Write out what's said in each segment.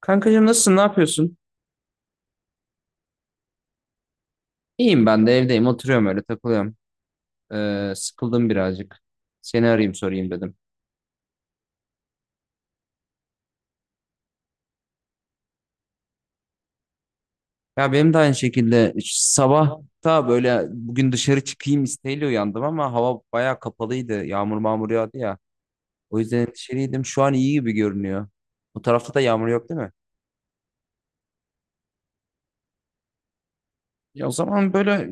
Kankacığım nasılsın? Ne yapıyorsun? İyiyim ben de evdeyim. Oturuyorum öyle takılıyorum. Sıkıldım birazcık. Seni arayayım sorayım dedim. Ya benim de aynı şekilde sabah da böyle bugün dışarı çıkayım isteğiyle uyandım ama hava bayağı kapalıydı. Yağmur mağmur yağdı ya. O yüzden dışarıydım. Şu an iyi gibi görünüyor. Bu tarafta da yağmur yok değil mi? Ya o zaman böyle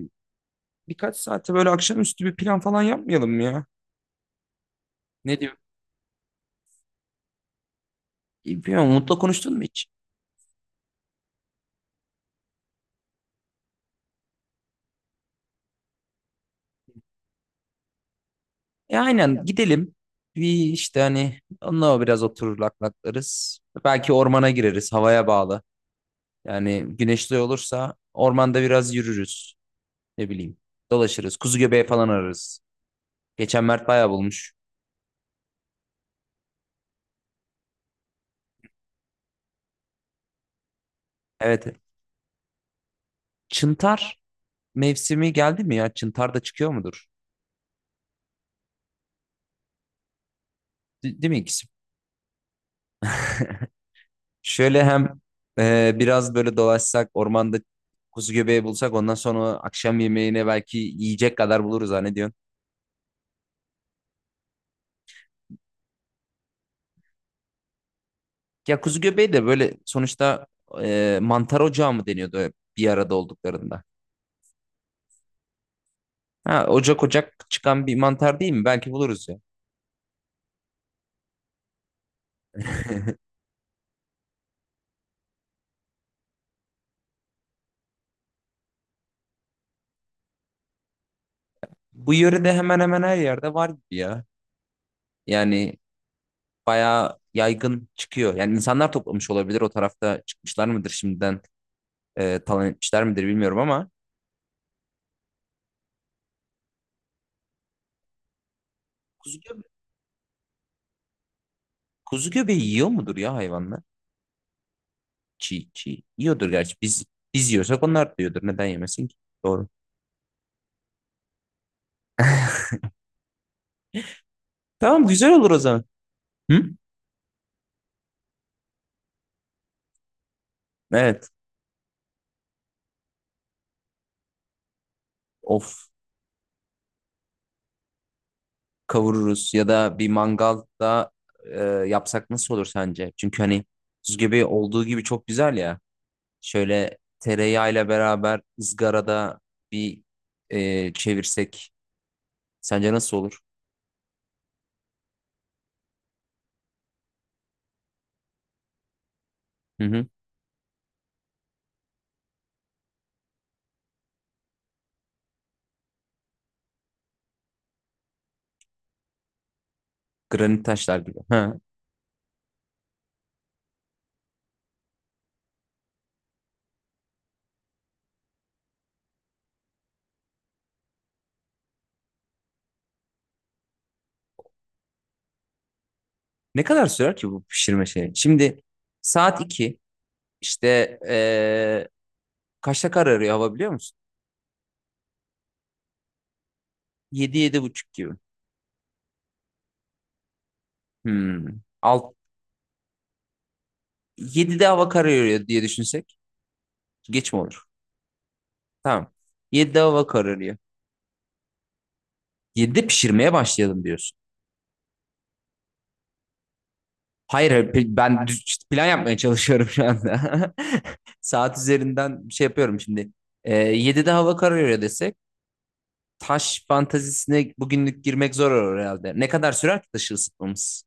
birkaç saate böyle akşamüstü bir plan falan yapmayalım mı ya. Ne diyor? Bilmiyorum. Umut'la konuştun mu hiç? E aynen gidelim. Bir işte hani onunla biraz oturur laklarız. Belki ormana gireriz havaya bağlı. Yani güneşli olursa ormanda biraz yürürüz. Ne bileyim dolaşırız. Kuzu göbeği falan ararız. Geçen Mert bayağı bulmuş. Evet. Çıntar mevsimi geldi mi ya? Çıntar da çıkıyor mudur? Değil mi ikisi? Şöyle hem biraz böyle dolaşsak ormanda kuzu göbeği bulsak ondan sonra akşam yemeğine belki yiyecek kadar buluruz ha ne diyorsun? Ya kuzu göbeği de böyle sonuçta mantar ocağı mı deniyordu bir arada olduklarında? Ha, ocak ocak çıkan bir mantar değil mi? Belki buluruz ya. Bu yörede hemen hemen her yerde var gibi ya. Yani bayağı yaygın çıkıyor. Yani insanlar toplamış olabilir. O tarafta çıkmışlar mıdır şimdiden talan etmişler midir bilmiyorum ama kuzu göbe- kuzu göbeği yiyor mudur ya hayvanlar? Çiğ çiğ yiyordur gerçi. Biz yiyorsak onlar da yiyordur. Neden yemesin ki? Doğru. Tamam güzel olur o zaman. Hı? Evet. Of, kavururuz ya da bir mangalda e, yapsak nasıl olur sence? Çünkü hani buz gibi olduğu gibi çok güzel ya. Şöyle tereyağıyla beraber ızgarada bir çevirsek sence nasıl olur? Hı hı. Granit taşlar gibi. Ha. Ne kadar sürer ki bu pişirme şeyi? Şimdi saat 2 işte kaçta kararıyor hava biliyor musun? 7 yedi buçuk gibi. Hmm. Alt, 7'de hava kararıyor diye düşünsek geç mi olur? Tamam. 7 hava kararıyor. 7'de pişirmeye başlayalım diyorsun. Hayır, hayır, ben işte plan yapmaya çalışıyorum şu anda. Saat üzerinden şey yapıyorum şimdi. 7'de hava kararıyor desek taş fantazisine bugünlük girmek zor olur herhalde. Ne kadar sürer ki taşı ısıtmamız?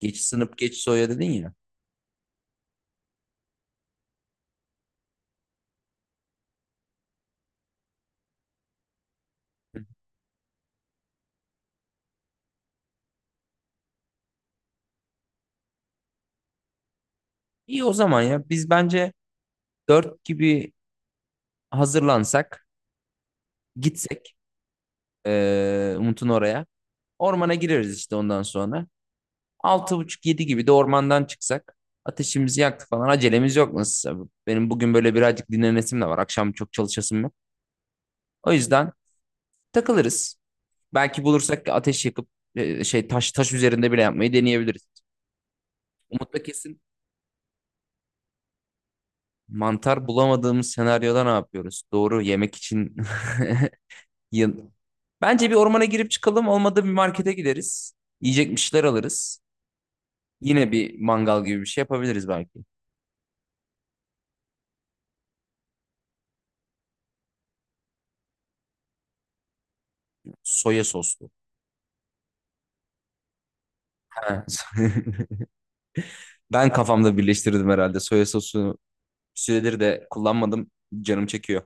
Geç sınıp geç soya dedin ya. İyi o zaman ya. Biz bence 4 gibi hazırlansak, gitsek Umut'un oraya. Ormana gireriz işte ondan sonra. Altı buçuk yedi gibi de ormandan çıksak ateşimizi yaktık falan acelemiz yok nasılsa. Benim bugün böyle birazcık dinlenesim de var. Akşam çok çalışasım yok. O yüzden takılırız. Belki bulursak ateş yakıp şey, taş üzerinde bile yapmayı deneyebiliriz. Umut'la kesin mantar bulamadığımız senaryoda ne yapıyoruz? Doğru yemek için. yıl- Bence bir ormana girip çıkalım. Olmadı bir markete gideriz. Yiyecek bir şeyler alırız. Yine bir mangal gibi bir şey yapabiliriz belki. Soya soslu. Ha. Ben kafamda birleştirdim herhalde. Soya sosu süredir de kullanmadım. Canım çekiyor.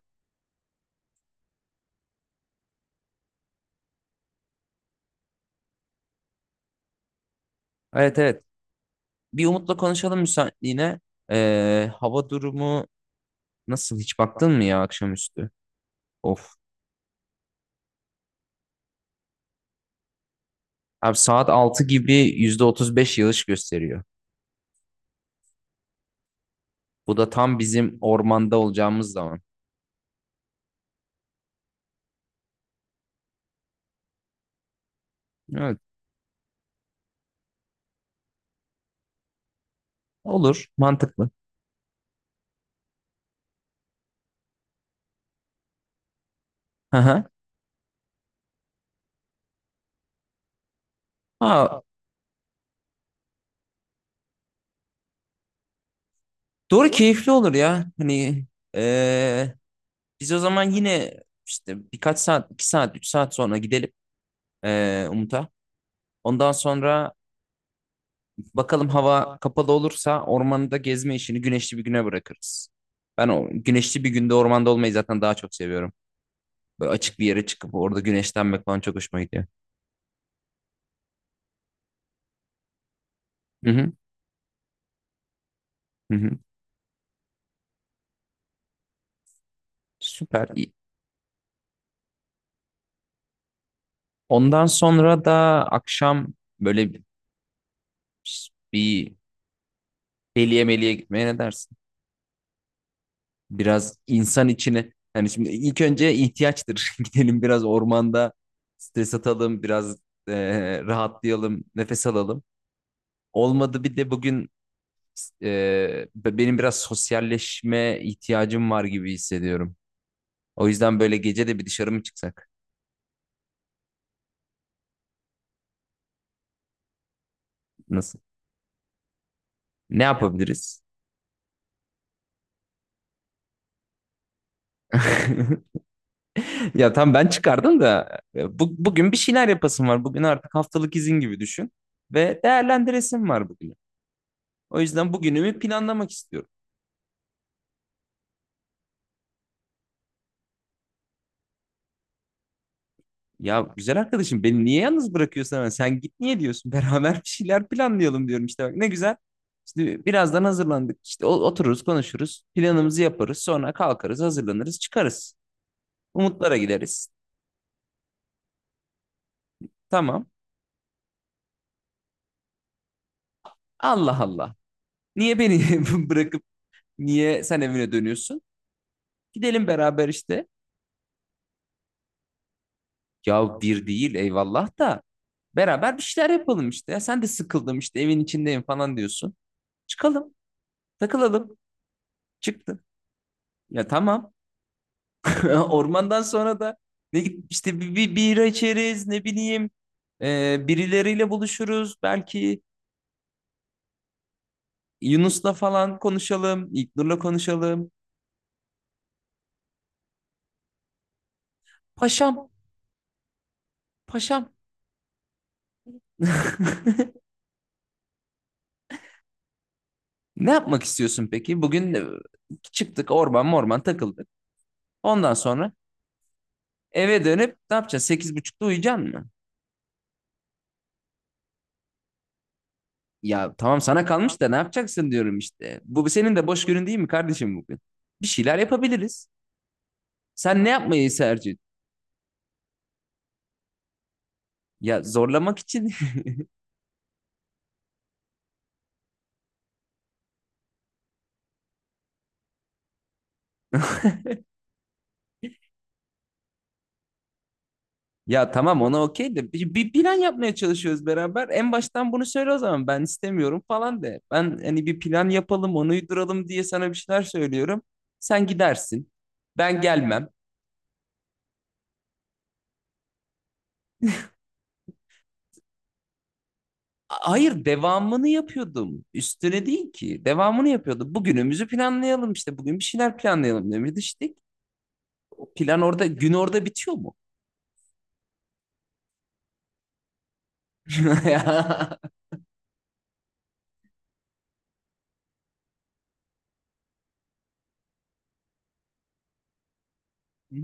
Evet, evet. Bir Umut'la konuşalım müsaitliğine. Hava durumu nasıl? Hiç baktın mı ya akşamüstü? Of. Abi saat 6 gibi %35 yağış gösteriyor. Bu da tam bizim ormanda olacağımız zaman. Evet. Olur. Mantıklı. Hı hı. Ha, doğru, keyifli olur ya. Hani ee, biz o zaman yine işte birkaç saat, 2 saat, 3 saat sonra gidelim Umut'a. Ondan sonra bakalım hava kapalı olursa ormanda gezme işini güneşli bir güne bırakırız. Ben o güneşli bir günde ormanda olmayı zaten daha çok seviyorum. Böyle açık bir yere çıkıp orada güneşlenmek falan çok hoşuma gidiyor. Hı hı, hı hı. Süper. İyi. Ondan sonra da akşam böyle bir deliye meliye gitmeye ne dersin? Biraz insan içine. Yani şimdi ilk önce ihtiyaçtır. Gidelim biraz ormanda stres atalım, biraz rahatlayalım, nefes alalım. Olmadı bir de bugün benim biraz sosyalleşme ihtiyacım var gibi hissediyorum. O yüzden böyle gece de bir dışarı mı çıksak? Nasıl? Ne yapabiliriz? Ya tam ben çıkardım da bugün bir şeyler yapasım var. Bugün artık haftalık izin gibi düşün ve değerlendiresim var bugünü. O yüzden bugünümü planlamak istiyorum. Ya güzel arkadaşım, beni niye yalnız bırakıyorsun hemen? Sen git niye diyorsun? Beraber bir şeyler planlayalım diyorum işte, bak ne güzel. Şimdi birazdan hazırlandık. İşte otururuz, konuşuruz. Planımızı yaparız. Sonra kalkarız, hazırlanırız, çıkarız. Umutlara gideriz. Tamam. Allah Allah. Niye beni bırakıp niye sen evine dönüyorsun? Gidelim beraber işte. Ya bir değil eyvallah da. Beraber bir şeyler yapalım işte. Ya sen de sıkıldım işte evin içindeyim falan diyorsun. Çıkalım, takılalım. Çıktı. Ya tamam. Ormandan sonra da işte bir bira içeriz, ne bileyim birileriyle buluşuruz belki, Yunus'la falan konuşalım, İlknur'la konuşalım, paşam, paşam. Ne yapmak istiyorsun peki bugün? Çıktık, orman morman takıldık, ondan sonra eve dönüp ne yapacaksın, 8.30'da uyuyacaksın mı? Ya tamam, sana kalmış da ne yapacaksın diyorum işte. Bu senin de boş günün değil mi kardeşim? Bugün bir şeyler yapabiliriz. Sen ne yapmayı tercih... Ya zorlamak için. Ya tamam, ona okey de, bir plan yapmaya çalışıyoruz beraber. En baştan bunu söyle o zaman, ben istemiyorum falan de. Ben hani bir plan yapalım onu uyduralım diye sana bir şeyler söylüyorum. Sen gidersin. Ben gelmem. Hayır, devamını yapıyordum. Üstüne değil ki. Devamını yapıyordum. Bugünümüzü planlayalım işte. Bugün bir şeyler planlayalım demiştik. O plan orada, gün orada bitiyor mu? Ya.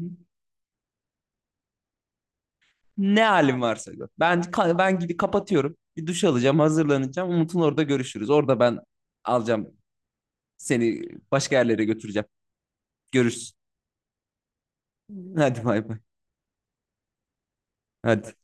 Ne halim varsa gör. Ben ben gidip kapatıyorum. Bir duş alacağım, hazırlanacağım. Umut'un orada görüşürüz. Orada ben alacağım seni, başka yerlere götüreceğim. Görüşürüz. Hadi bay bay. Hadi.